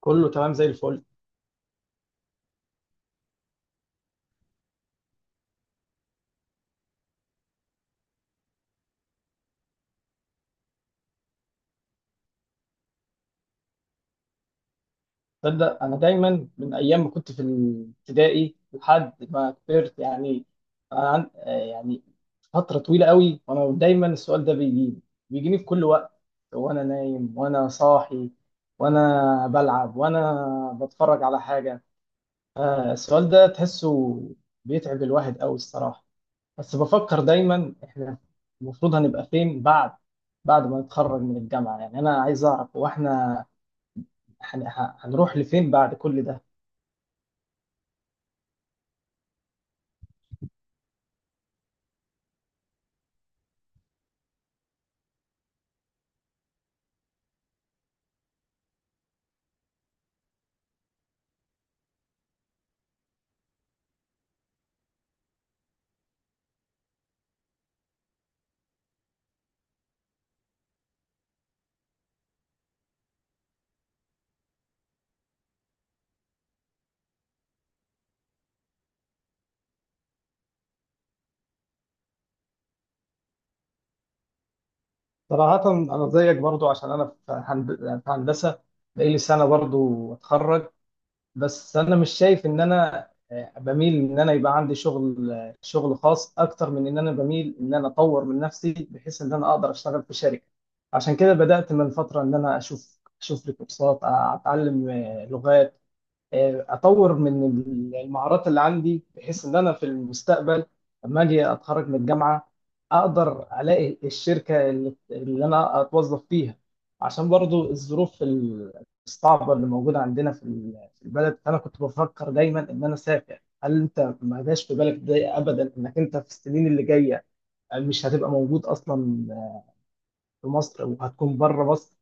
كله تمام زي الفل. تصدق انا دايما من ايام ما كنت في الابتدائي لحد ما كبرت يعني أنا عن... آه، يعني فتره طويله قوي وانا دايما السؤال ده بيجيني، بيجيني في كل وقت، وانا نايم وانا صاحي، وانا بلعب وانا بتفرج على حاجه. السؤال ده تحسه بيتعب الواحد قوي الصراحه. بس بفكر دايما احنا المفروض هنبقى فين بعد، بعد ما نتخرج من الجامعه. يعني انا عايز اعرف هو احنا هنروح لفين بعد كل ده؟ صراحة أنا زيك برضو، عشان أنا في في هندسة بقالي سنة برضو أتخرج. بس أنا مش شايف إن أنا، بميل إن أنا يبقى عندي شغل، شغل خاص، أكتر من إن أنا بميل إن أنا أطور من نفسي بحيث إن أنا أقدر أشتغل في شركة. عشان كده بدأت من فترة إن أنا أشوف لي كورسات، أتعلم لغات، اطور من المهارات اللي عندي، بحيث ان انا في المستقبل لما اجي اتخرج من الجامعه اقدر الاقي الشركه اللي انا اتوظف فيها. عشان برضو الظروف الصعبه اللي موجوده عندنا في البلد. فانا كنت بفكر دايما ان انا اسافر. هل انت ما جاش في بالك ده ابدا؟ انك انت في السنين اللي جايه مش هتبقى موجود اصلا في مصر، وهتكون بره مصر.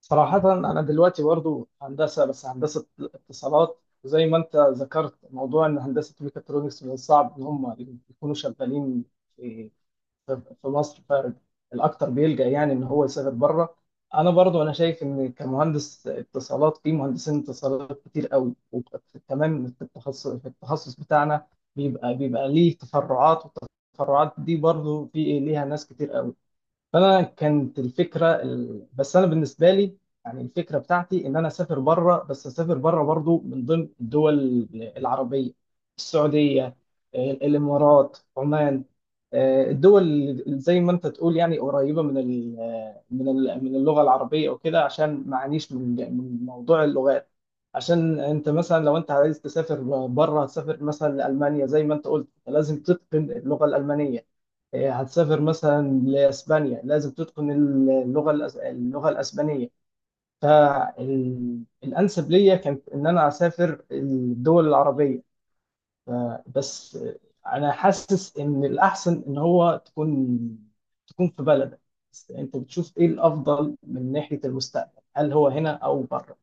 صراحة أنا دلوقتي برضو هندسة، بس هندسة اتصالات. وزي ما أنت ذكرت موضوع إن هندسة ميكاترونكس من الصعب إن هم يكونوا شغالين في في مصر، فالأكثر بيلجأ يعني إن هو يسافر بره. أنا برضو أنا شايف إن كمهندس اتصالات في مهندسين اتصالات كتير قوي، وكمان في التخصص بتاعنا بيبقى ليه تفرعات، والتفرعات دي برضو في ليها ناس كتير قوي. فانا كانت بس انا بالنسبه لي، يعني الفكره بتاعتي ان انا اسافر بره، بس اسافر بره برضو من ضمن الدول العربيه، السعوديه، الامارات، عمان. الدول اللي زي ما انت تقول يعني قريبه من اللغه العربيه وكده، عشان ما اعانيش من من موضوع اللغات. عشان انت مثلا لو انت عايز تسافر بره، تسافر مثلا لالمانيا زي ما انت قلت، لازم تتقن اللغه الالمانيه. هتسافر مثلا لاسبانيا لازم تتقن اللغه الاسبانيه. فالانسب ليا كانت ان انا اسافر الدول العربيه. ف- بس انا حاسس ان الاحسن ان هو تكون في بلدك. بس انت بتشوف ايه الافضل من ناحيه المستقبل، هل هو هنا او بره؟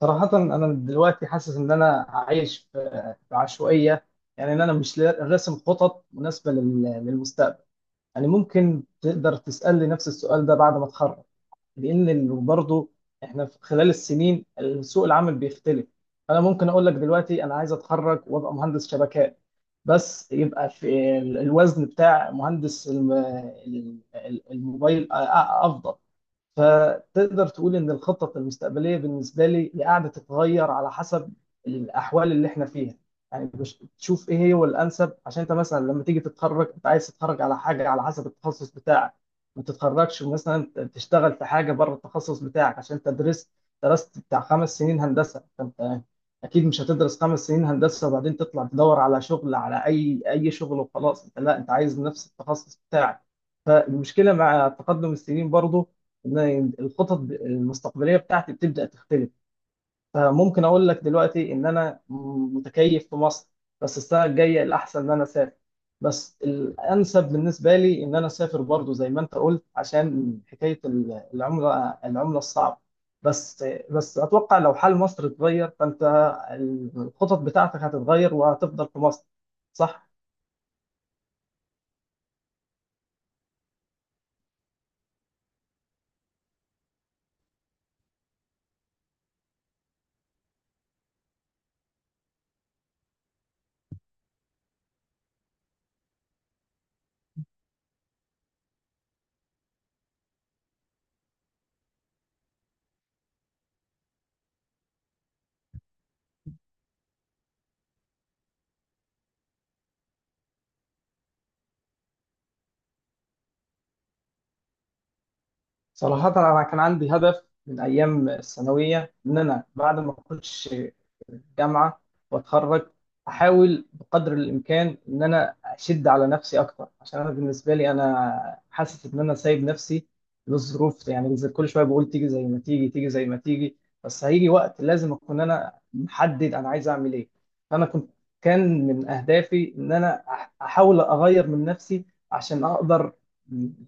صراحة أنا دلوقتي حاسس إن أنا عايش في عشوائية، يعني إن أنا مش راسم خطط مناسبة للمستقبل. يعني ممكن تقدر تسألني نفس السؤال ده بعد ما اتخرج، لأن برضه احنا في خلال السنين سوق العمل بيختلف. أنا ممكن أقول لك دلوقتي أنا عايز أتخرج وأبقى مهندس شبكات، بس يبقى في الوزن بتاع مهندس الموبايل أفضل. فتقدر تقول ان الخطط المستقبليه بالنسبه لي هي قاعده تتغير على حسب الاحوال اللي احنا فيها. يعني تشوف ايه هي هو الانسب، عشان انت مثلا لما تيجي تتخرج انت عايز تتخرج على حاجه على حسب التخصص بتاعك. ما تتخرجش مثلا تشتغل في حاجه بره التخصص بتاعك. عشان انت درست بتاع خمس سنين هندسه، فانت اكيد مش هتدرس خمس سنين هندسه وبعدين تطلع تدور على شغل، على اي شغل وخلاص. انت لا، انت عايز نفس التخصص بتاعك. فالمشكله مع تقدم السنين برضو ان أنا الخطط المستقبليه بتاعتي بتبدا تختلف. فممكن اقول لك دلوقتي ان انا متكيف في مصر، بس السنه الجايه الاحسن ان انا اسافر. بس الانسب بالنسبه لي ان انا اسافر، برضو زي ما انت قلت، عشان حكايه العمله العمله الصعبه. بس بس اتوقع لو حال مصر اتغير، فانت الخطط بتاعتك هتتغير وهتفضل في مصر، صح. صراحة أنا كان عندي هدف من أيام الثانوية إن أنا بعد ما أخش الجامعة وأتخرج، أحاول بقدر الإمكان إن أنا أشد على نفسي أكتر. عشان أنا بالنسبة لي أنا حاسس إن أنا سايب نفسي للظروف، يعني كل شوية بقول تيجي زي ما تيجي، تيجي زي ما تيجي. بس هيجي وقت لازم أكون أنا محدد أنا عايز أعمل إيه. أنا كنت، كان من أهدافي إن أنا أحاول أغير من نفسي، عشان أقدر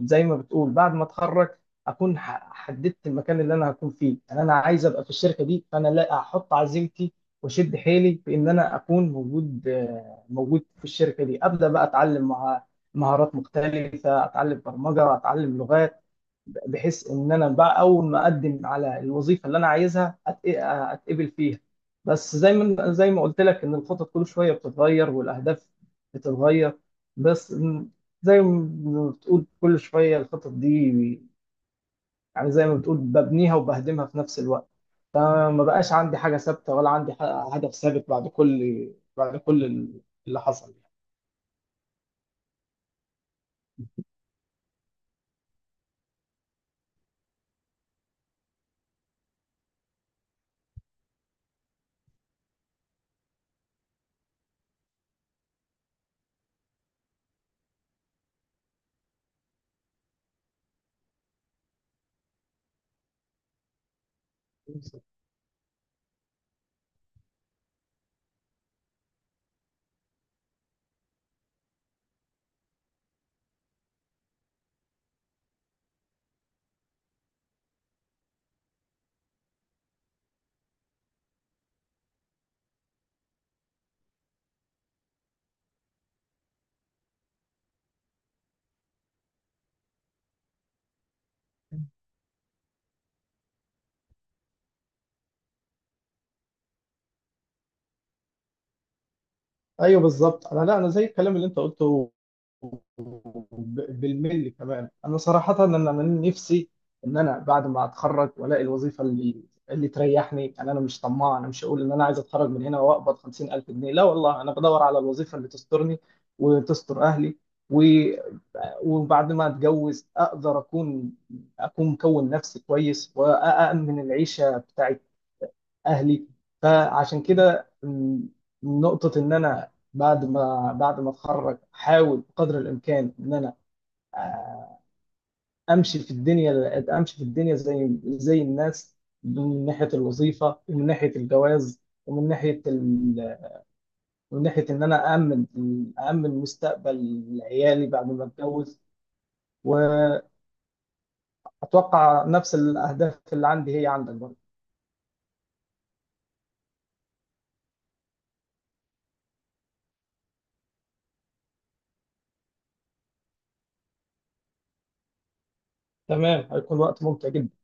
زي ما بتقول بعد ما أتخرج اكون حددت المكان اللي انا هكون فيه. يعني انا عايز ابقى في الشركه دي، فانا لا احط عزيمتي واشد حيلي في ان انا اكون موجود، موجود في الشركه دي. ابدا بقى اتعلم مع مهارات مختلفه، اتعلم برمجه، اتعلم لغات، بحيث ان انا بقى اول ما اقدم على الوظيفه اللي انا عايزها اتقبل فيها. بس زي ما قلت لك ان الخطط كل شويه بتتغير، والاهداف بتتغير. بس م- زي ما بتقول كل شويه الخطط دي، يعني زي ما بتقول ببنيها وبهدمها في نفس الوقت. فما بقاش عندي حاجة ثابتة، ولا عندي هدف ثابت بعد كل اللي حصل. ايوه بالظبط، انا لا، انا زي الكلام اللي انت قلته بالملي كمان. انا صراحه ان انا نفسي ان انا بعد ما اتخرج والاقي الوظيفه اللي تريحني. يعني انا مش طماع، انا مش هقول ان انا عايز اتخرج من هنا واقبض 50,000 جنيه، لا والله. انا بدور على الوظيفه اللي تسترني وتستر اهلي و... وبعد ما اتجوز اقدر اكون مكون نفسي كويس، وامن العيشه بتاعت اهلي. فعشان كده نقطة ان انا بعد ما اتخرج احاول قدر الامكان ان انا امشي في الدنيا امشي في الدنيا زي زي الناس، من ناحية الوظيفة، ومن ناحية الجواز، ومن ناحية من ناحية ان انا أأمن أأمن مستقبل عيالي بعد ما اتجوز. واتوقع نفس الاهداف اللي عندي هي عندك برضه. تمام، هيكون وقت ممتع جدا.